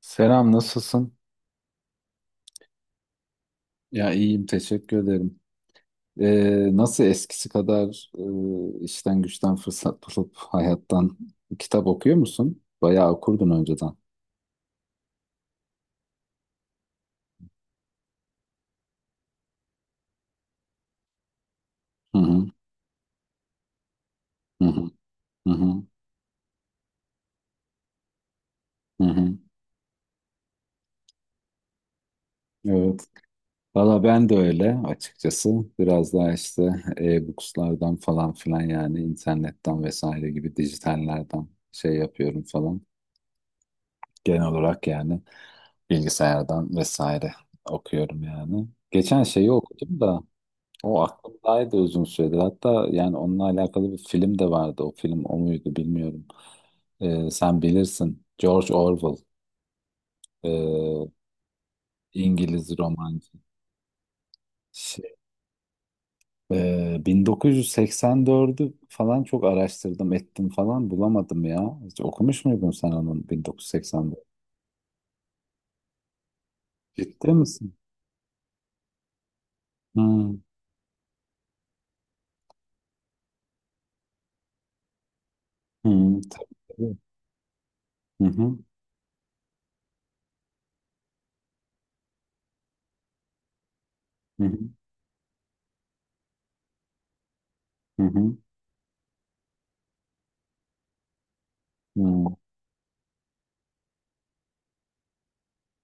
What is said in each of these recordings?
Selam, nasılsın? Ya iyiyim, teşekkür ederim. Nasıl eskisi kadar işten güçten fırsat bulup hayattan kitap okuyor musun? Bayağı okurdun önceden. Hı hı, hı hı, hı hı, hı hı. Evet. Valla ben de öyle açıkçası. Biraz daha işte e-bookslardan falan filan yani internetten vesaire gibi dijitallerden şey yapıyorum falan. Genel olarak yani bilgisayardan vesaire okuyorum yani. Geçen şeyi okudum da o aklımdaydı uzun süredir. Hatta yani onunla alakalı bir film de vardı. O film o muydu bilmiyorum. Sen bilirsin. George Orwell. ee, İngiliz romancı. Şey, 1984'ü falan çok araştırdım ettim falan bulamadım ya. Hiç okumuş muydun sen onun 1984? Ciddi misin? Hı, hı, tabii, tabii. Hı hı, hı hı, hı hı, hı.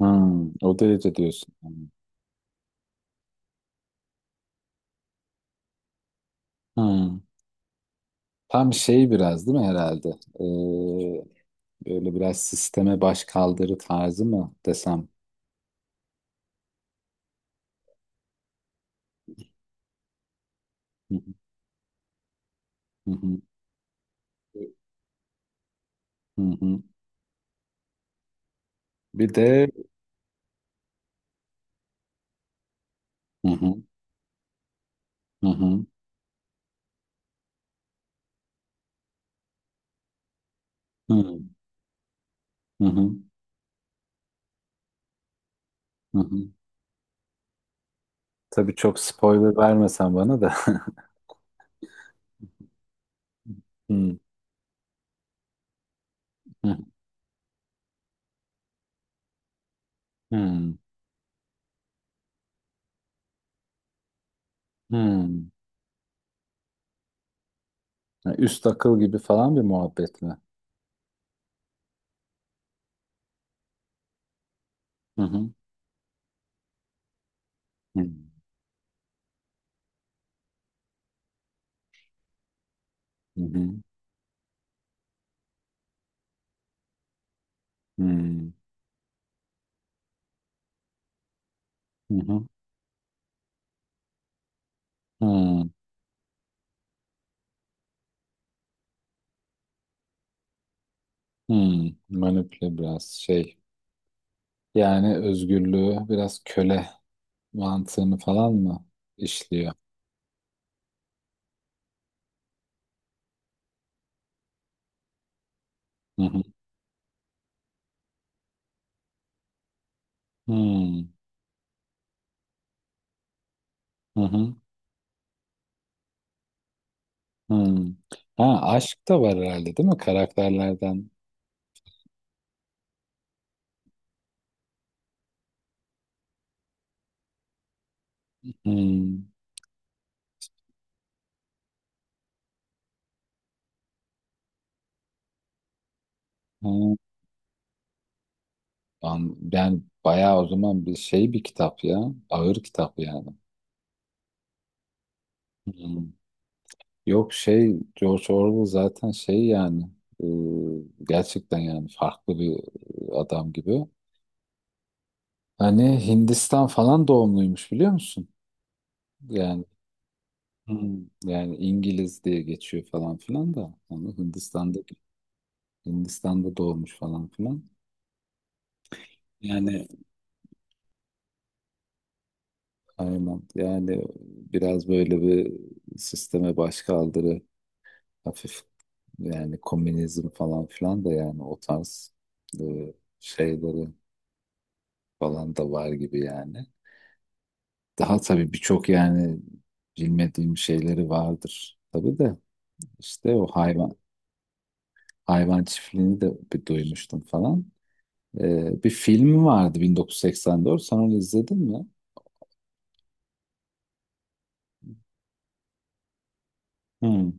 Hı, o derece diyorsun, yani. Hı. Tam şey biraz değil mi herhalde? Ee, böyle biraz sisteme baş kaldırı tarzı mı desem? Hı hı, hı hı, hı hı. Bir de hı hı, hı hı, hı hı, hı, hı, hı hı. Tabii çok spoiler vermesen bana da. Hı hı, hı hı. Yani üst akıl gibi falan bir muhabbet mi? Hı hı, hı hı, hı hı, hı hı, hı, hı. Manipüle biraz şey. Yani özgürlüğü biraz köle mantığını falan mı işliyor? Hı hı. Hmm, hı hı, hmm. Ha, aşk da var herhalde değil mi karakterlerden? Hmm, hmm. Ben bayağı o zaman bir şey bir kitap ya. Ağır kitap yani. Hmm. Yok şey George Orwell zaten şey yani e, gerçekten yani farklı bir adam gibi. Hani Hindistan falan doğumluymuş biliyor musun? Yani hmm, yani İngiliz diye geçiyor falan filan da onu Hindistan'da doğmuş falan filan. Yani aynen yani biraz böyle bir sisteme baş kaldırı hafif yani komünizm falan filan da yani o tarz e, şeyleri falan da var gibi yani. Daha tabii birçok yani bilmediğim şeyleri vardır tabii de işte o hayvan çiftliğini de bir duymuştum falan. Bir film vardı 1984. Sen onu izledin mi? Hmm.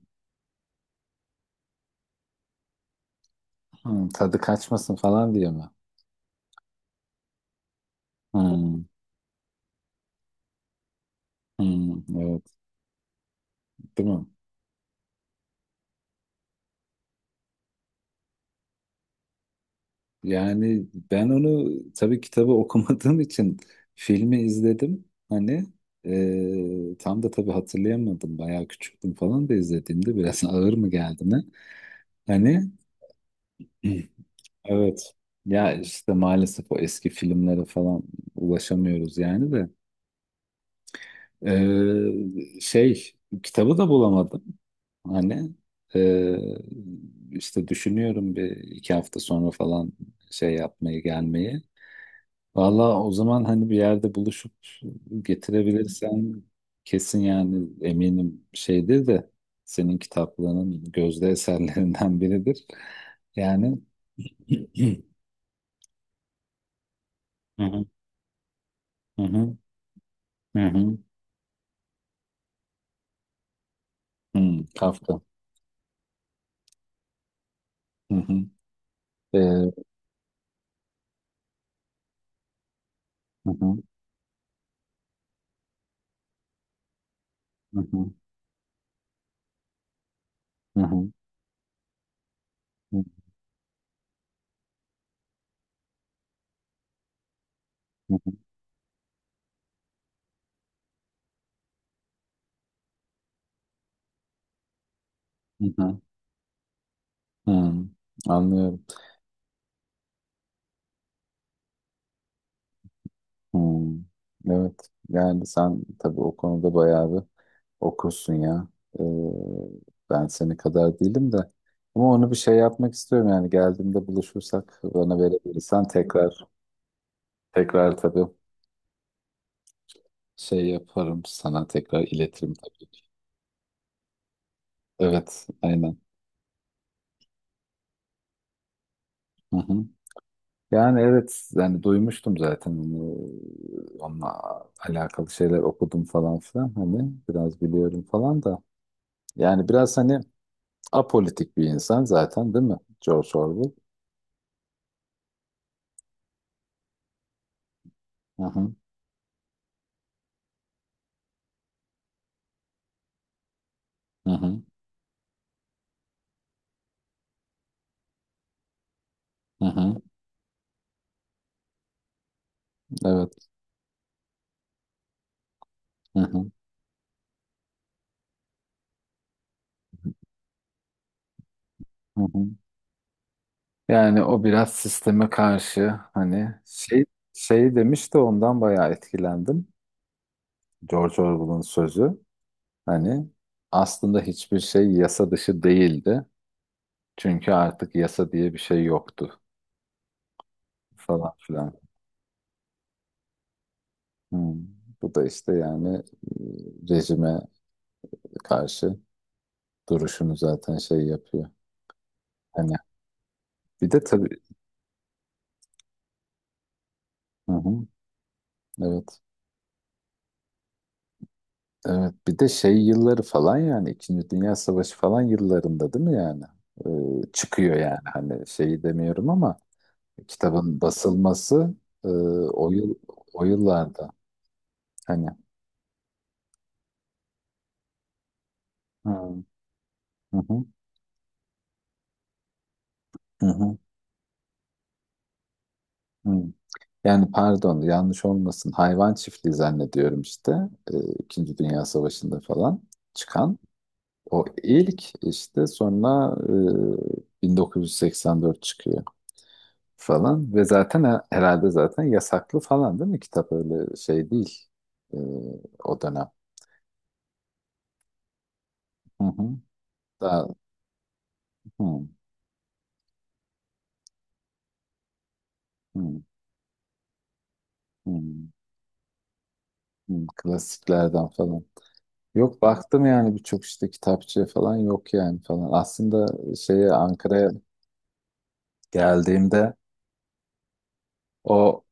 Hmm, tadı kaçmasın falan diye mi? Hmm. Hmm. Evet, değil mi? Yani ben onu tabii kitabı okumadığım için filmi izledim. Hani tam da tabii hatırlayamadım. Bayağı küçüktüm falan da izlediğimde biraz ağır mı geldi ne? Hani evet. Ya işte maalesef o eski filmlere falan ulaşamıyoruz yani de. Ee, şey kitabı da bulamadım. Hani e, işte düşünüyorum bir iki hafta sonra falan şey yapmayı gelmeyi. Valla o zaman hani bir yerde buluşup getirebilirsen kesin yani eminim şeydir de senin kitaplığının gözde eserlerinden biridir. Yani hı hı, hı hı, hı hı, hı, Kafka. Hı hı, hı, hı hı, hı hı, hı hı, hı hı. Hmm, anlıyorum. Hmm, evet. Yani sen tabii o konuda bayağı bir okursun ya. Ee, ben seni kadar değilim de. Ama onu bir şey yapmak istiyorum yani geldiğimde buluşursak bana verebilirsen tekrar tekrar tabii şey yaparım sana tekrar iletirim tabii. Evet, aynen. Hı hı. Yani evet yani duymuştum zaten onunla alakalı şeyler okudum falan filan hani biraz biliyorum falan da. Yani biraz hani apolitik bir insan zaten değil mi? George Orwell. Hı hı, hı hı, hı hı. Evet. Hı hı, hı hı. Yani o biraz sisteme karşı hani şey şey demiş de ondan bayağı etkilendim. George Orwell'ın sözü hani aslında hiçbir şey yasa dışı değildi. Çünkü artık yasa diye bir şey yoktu falan filan. Hı. Bu da işte yani rejime karşı duruşunu zaten şey yapıyor. Hani bir de tabii hı hı, evet. Evet bir de şey yılları falan yani İkinci Dünya Savaşı falan yıllarında değil mi yani? Çıkıyor yani hani şeyi demiyorum ama kitabın basılması e, o yıl o yıllarda hani hı hı, hı hı, hı. Hı. Yani pardon yanlış olmasın hayvan çiftliği zannediyorum işte e, İkinci Dünya Savaşı'nda falan çıkan o ilk işte sonra 1984 çıkıyor falan ve zaten herhalde zaten yasaklı falan değil mi kitap öyle şey değil e, o dönem. Hı hı. Daha hı, hı, hı, hı, klasiklerden falan. Yok baktım yani birçok işte kitapçıya falan yok yani falan. Aslında şeye Ankara'ya geldiğimde o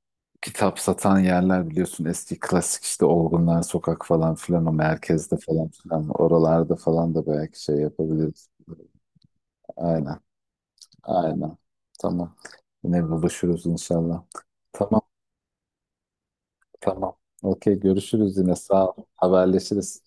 kitap satan yerler biliyorsun eski klasik işte Olgunlar Sokak falan filan o merkezde falan filan oralarda falan da belki şey yapabiliriz. Aynen. Aynen. Tamam. Yine buluşuruz inşallah. Tamam, tamam. Okey, görüşürüz yine. Sağ ol. Haberleşiriz.